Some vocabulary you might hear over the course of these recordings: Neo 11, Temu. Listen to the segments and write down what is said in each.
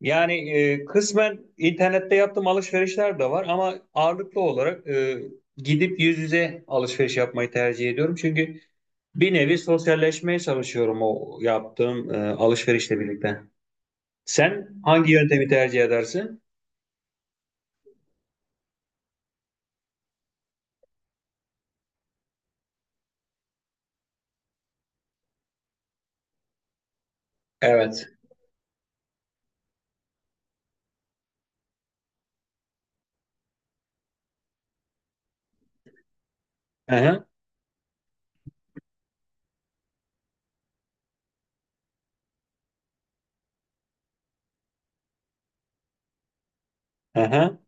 Yani kısmen internette yaptığım alışverişler de var ama ağırlıklı olarak gidip yüz yüze alışveriş yapmayı tercih ediyorum. Çünkü bir nevi sosyalleşmeye çalışıyorum o yaptığım alışverişle birlikte. Sen hangi yöntemi tercih edersin? Evet. Aha, aha.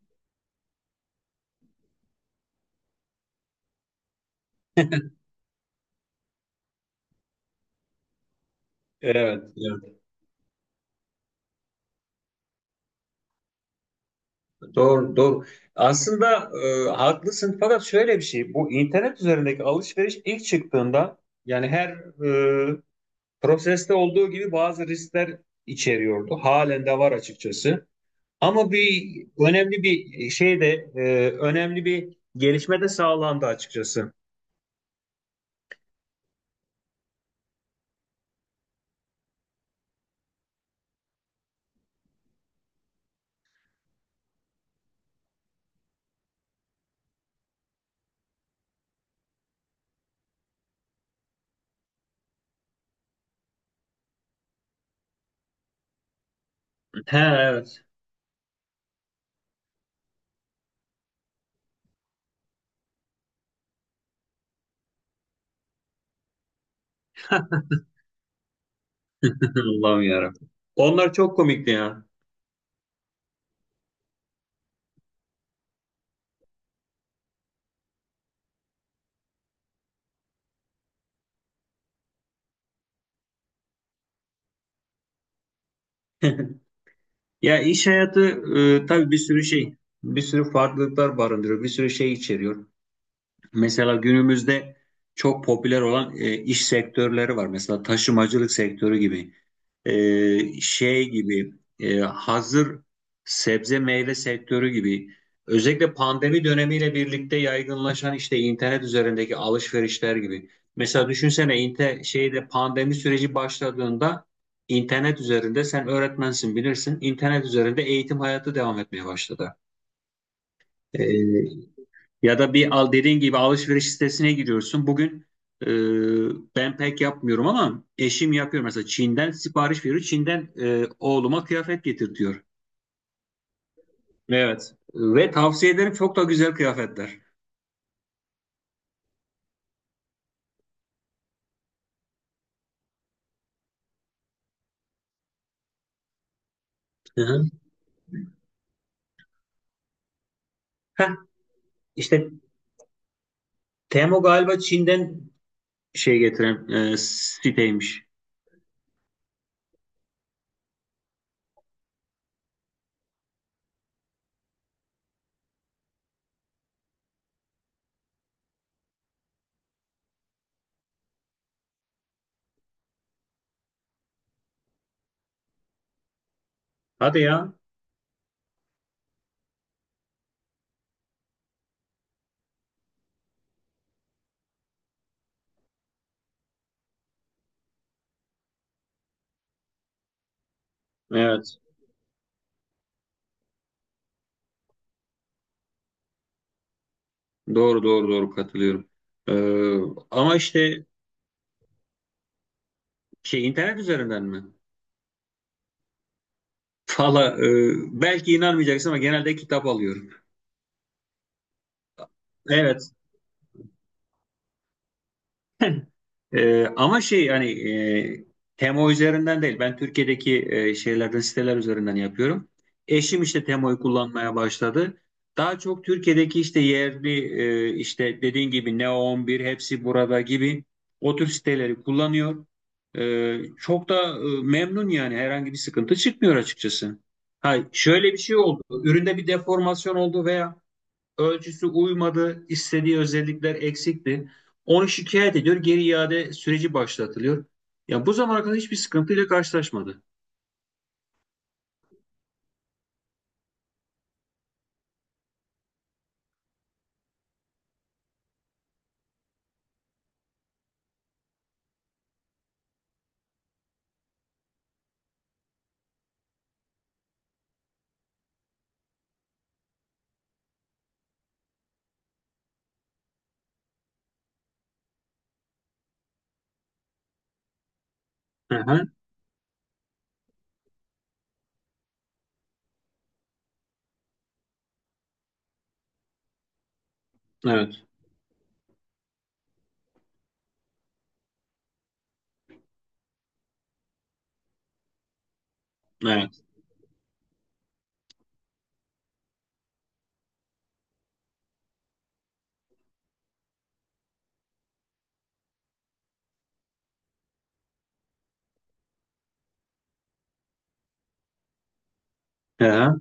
Evet, evet. Doğru, doğru. Aslında haklısın, fakat şöyle bir şey. Bu internet üzerindeki alışveriş ilk çıktığında, yani her proseste olduğu gibi, bazı riskler içeriyordu. Halen de var açıkçası. Ama bir önemli bir şey de önemli bir gelişme de sağlandı açıkçası. He, evet. Allah'ım yarabbim. Onlar çok komikti ya. Ya, iş hayatı tabii bir sürü şey, bir sürü farklılıklar barındırıyor, bir sürü şey içeriyor. Mesela günümüzde çok popüler olan iş sektörleri var. Mesela taşımacılık sektörü gibi, şey gibi, hazır sebze meyve sektörü gibi. Özellikle pandemi dönemiyle birlikte yaygınlaşan işte internet üzerindeki alışverişler gibi. Mesela düşünsene, şeyde pandemi süreci başladığında internet üzerinde, sen öğretmensin bilirsin, İnternet üzerinde eğitim hayatı devam etmeye başladı. Ya da bir, al dediğin gibi alışveriş sitesine giriyorsun. Bugün e, ben pek yapmıyorum ama eşim yapıyor. Mesela Çin'den sipariş veriyor. Çin'den oğluma kıyafet getir diyor. Evet. Ve tavsiye ederim, çok da güzel kıyafetler. Hı hı. Heh, işte Temu galiba Çin'den şey getiren siteymiş. Hadi ya. Evet. Doğru, doğru, doğru, katılıyorum. Ee, ama işte şey, internet üzerinden mi? Valla belki inanmayacaksın ama genelde kitap alıyorum. Evet. Ama şey, hani Temo üzerinden değil. Ben Türkiye'deki şeylerden, siteler üzerinden yapıyorum. Eşim işte Temo'yu kullanmaya başladı. Daha çok Türkiye'deki işte yerli, işte dediğin gibi Neo 11, hepsi burada gibi o tür siteleri kullanıyor. Çok da memnun, yani herhangi bir sıkıntı çıkmıyor açıkçası. Hay, şöyle bir şey oldu. Üründe bir deformasyon oldu veya ölçüsü uymadı, istediği özellikler eksikti. Onu şikayet ediyor, geri iade süreci başlatılıyor. Ya bu zamana kadar hiçbir sıkıntıyla karşılaşmadı. Hı hı, evet, evet. Hı hı.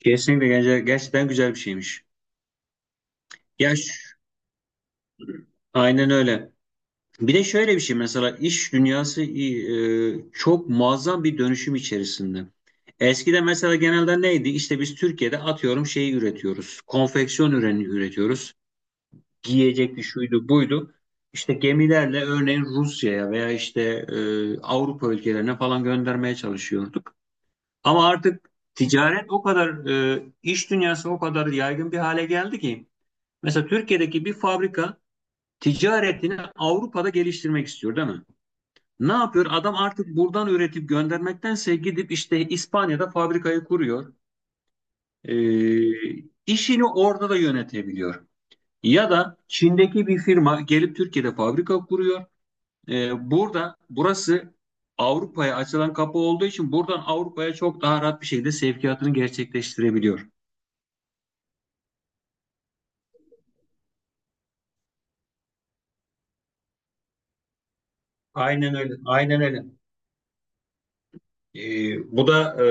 Kesinlikle gerçekten güzel bir şeymiş. Ya, aynen öyle. Bir de şöyle bir şey, mesela iş dünyası çok muazzam bir dönüşüm içerisinde. Eskiden mesela genelde neydi? İşte biz Türkiye'de, atıyorum, şeyi üretiyoruz. Konfeksiyon ürünü üretiyoruz, giyecekti, şuydu, buydu. İşte gemilerle örneğin Rusya'ya veya işte Avrupa ülkelerine falan göndermeye çalışıyorduk. Ama artık ticaret o kadar iş dünyası o kadar yaygın bir hale geldi ki mesela Türkiye'deki bir fabrika ticaretini Avrupa'da geliştirmek istiyor değil mi? Ne yapıyor? Adam artık buradan üretip göndermektense gidip işte İspanya'da fabrikayı kuruyor. E, işini orada da yönetebiliyor. Ya da Çin'deki bir firma gelip Türkiye'de fabrika kuruyor. Burası Avrupa'ya açılan kapı olduğu için buradan Avrupa'ya çok daha rahat bir şekilde sevkiyatını gerçekleştirebiliyor. Aynen öyle. Aynen öyle. Bu da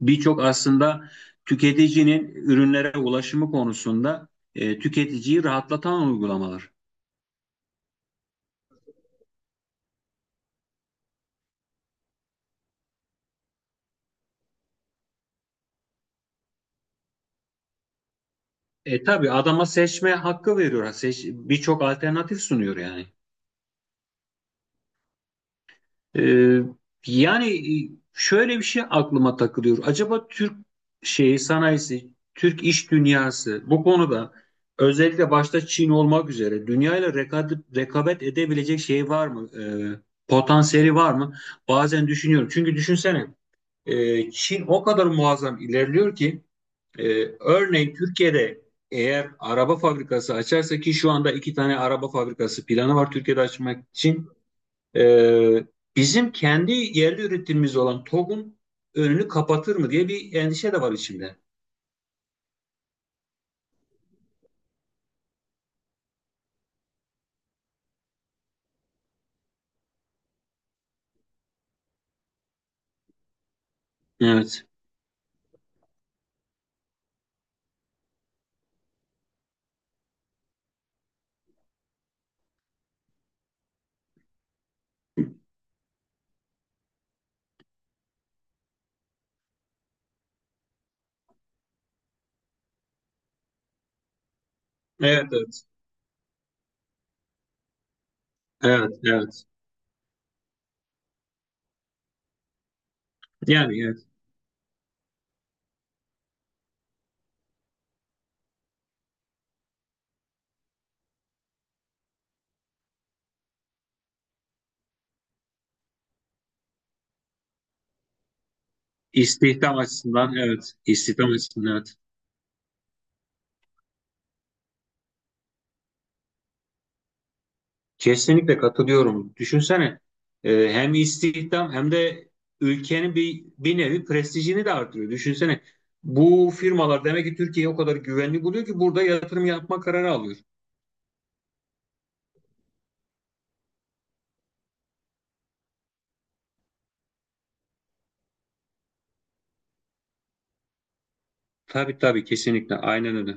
birçok aslında tüketicinin ürünlere ulaşımı konusunda tüketiciyi rahatlatan uygulamalar. Tabii adama seçme hakkı veriyor. Seç, birçok alternatif sunuyor yani. Ee, yani şöyle bir şey aklıma takılıyor. Acaba Türk şeyi sanayisi, Türk iş dünyası bu konuda, özellikle başta Çin olmak üzere, dünyayla rekabet edebilecek şey var mı? Potansiyeli var mı? Bazen düşünüyorum. Çünkü düşünsene, Çin o kadar muazzam ilerliyor ki, e, örneğin Türkiye'de eğer araba fabrikası açarsa, ki şu anda iki tane araba fabrikası planı var Türkiye'de açmak için. Ee, bizim kendi yerli üretimimiz olan TOG'un önünü kapatır mı diye bir endişe de var içimde. Evet. Evet, evet. Evet, evet. Yani evet. İstihdam açısından evet. İstihdam açısından evet. Kesinlikle katılıyorum. Düşünsene, hem istihdam hem de ülkenin bir, bir nevi prestijini de artırıyor. Düşünsene, bu firmalar demek ki Türkiye'yi o kadar güvenli buluyor ki burada yatırım yapma kararı alıyor. Tabii, tabii, kesinlikle aynen öyle.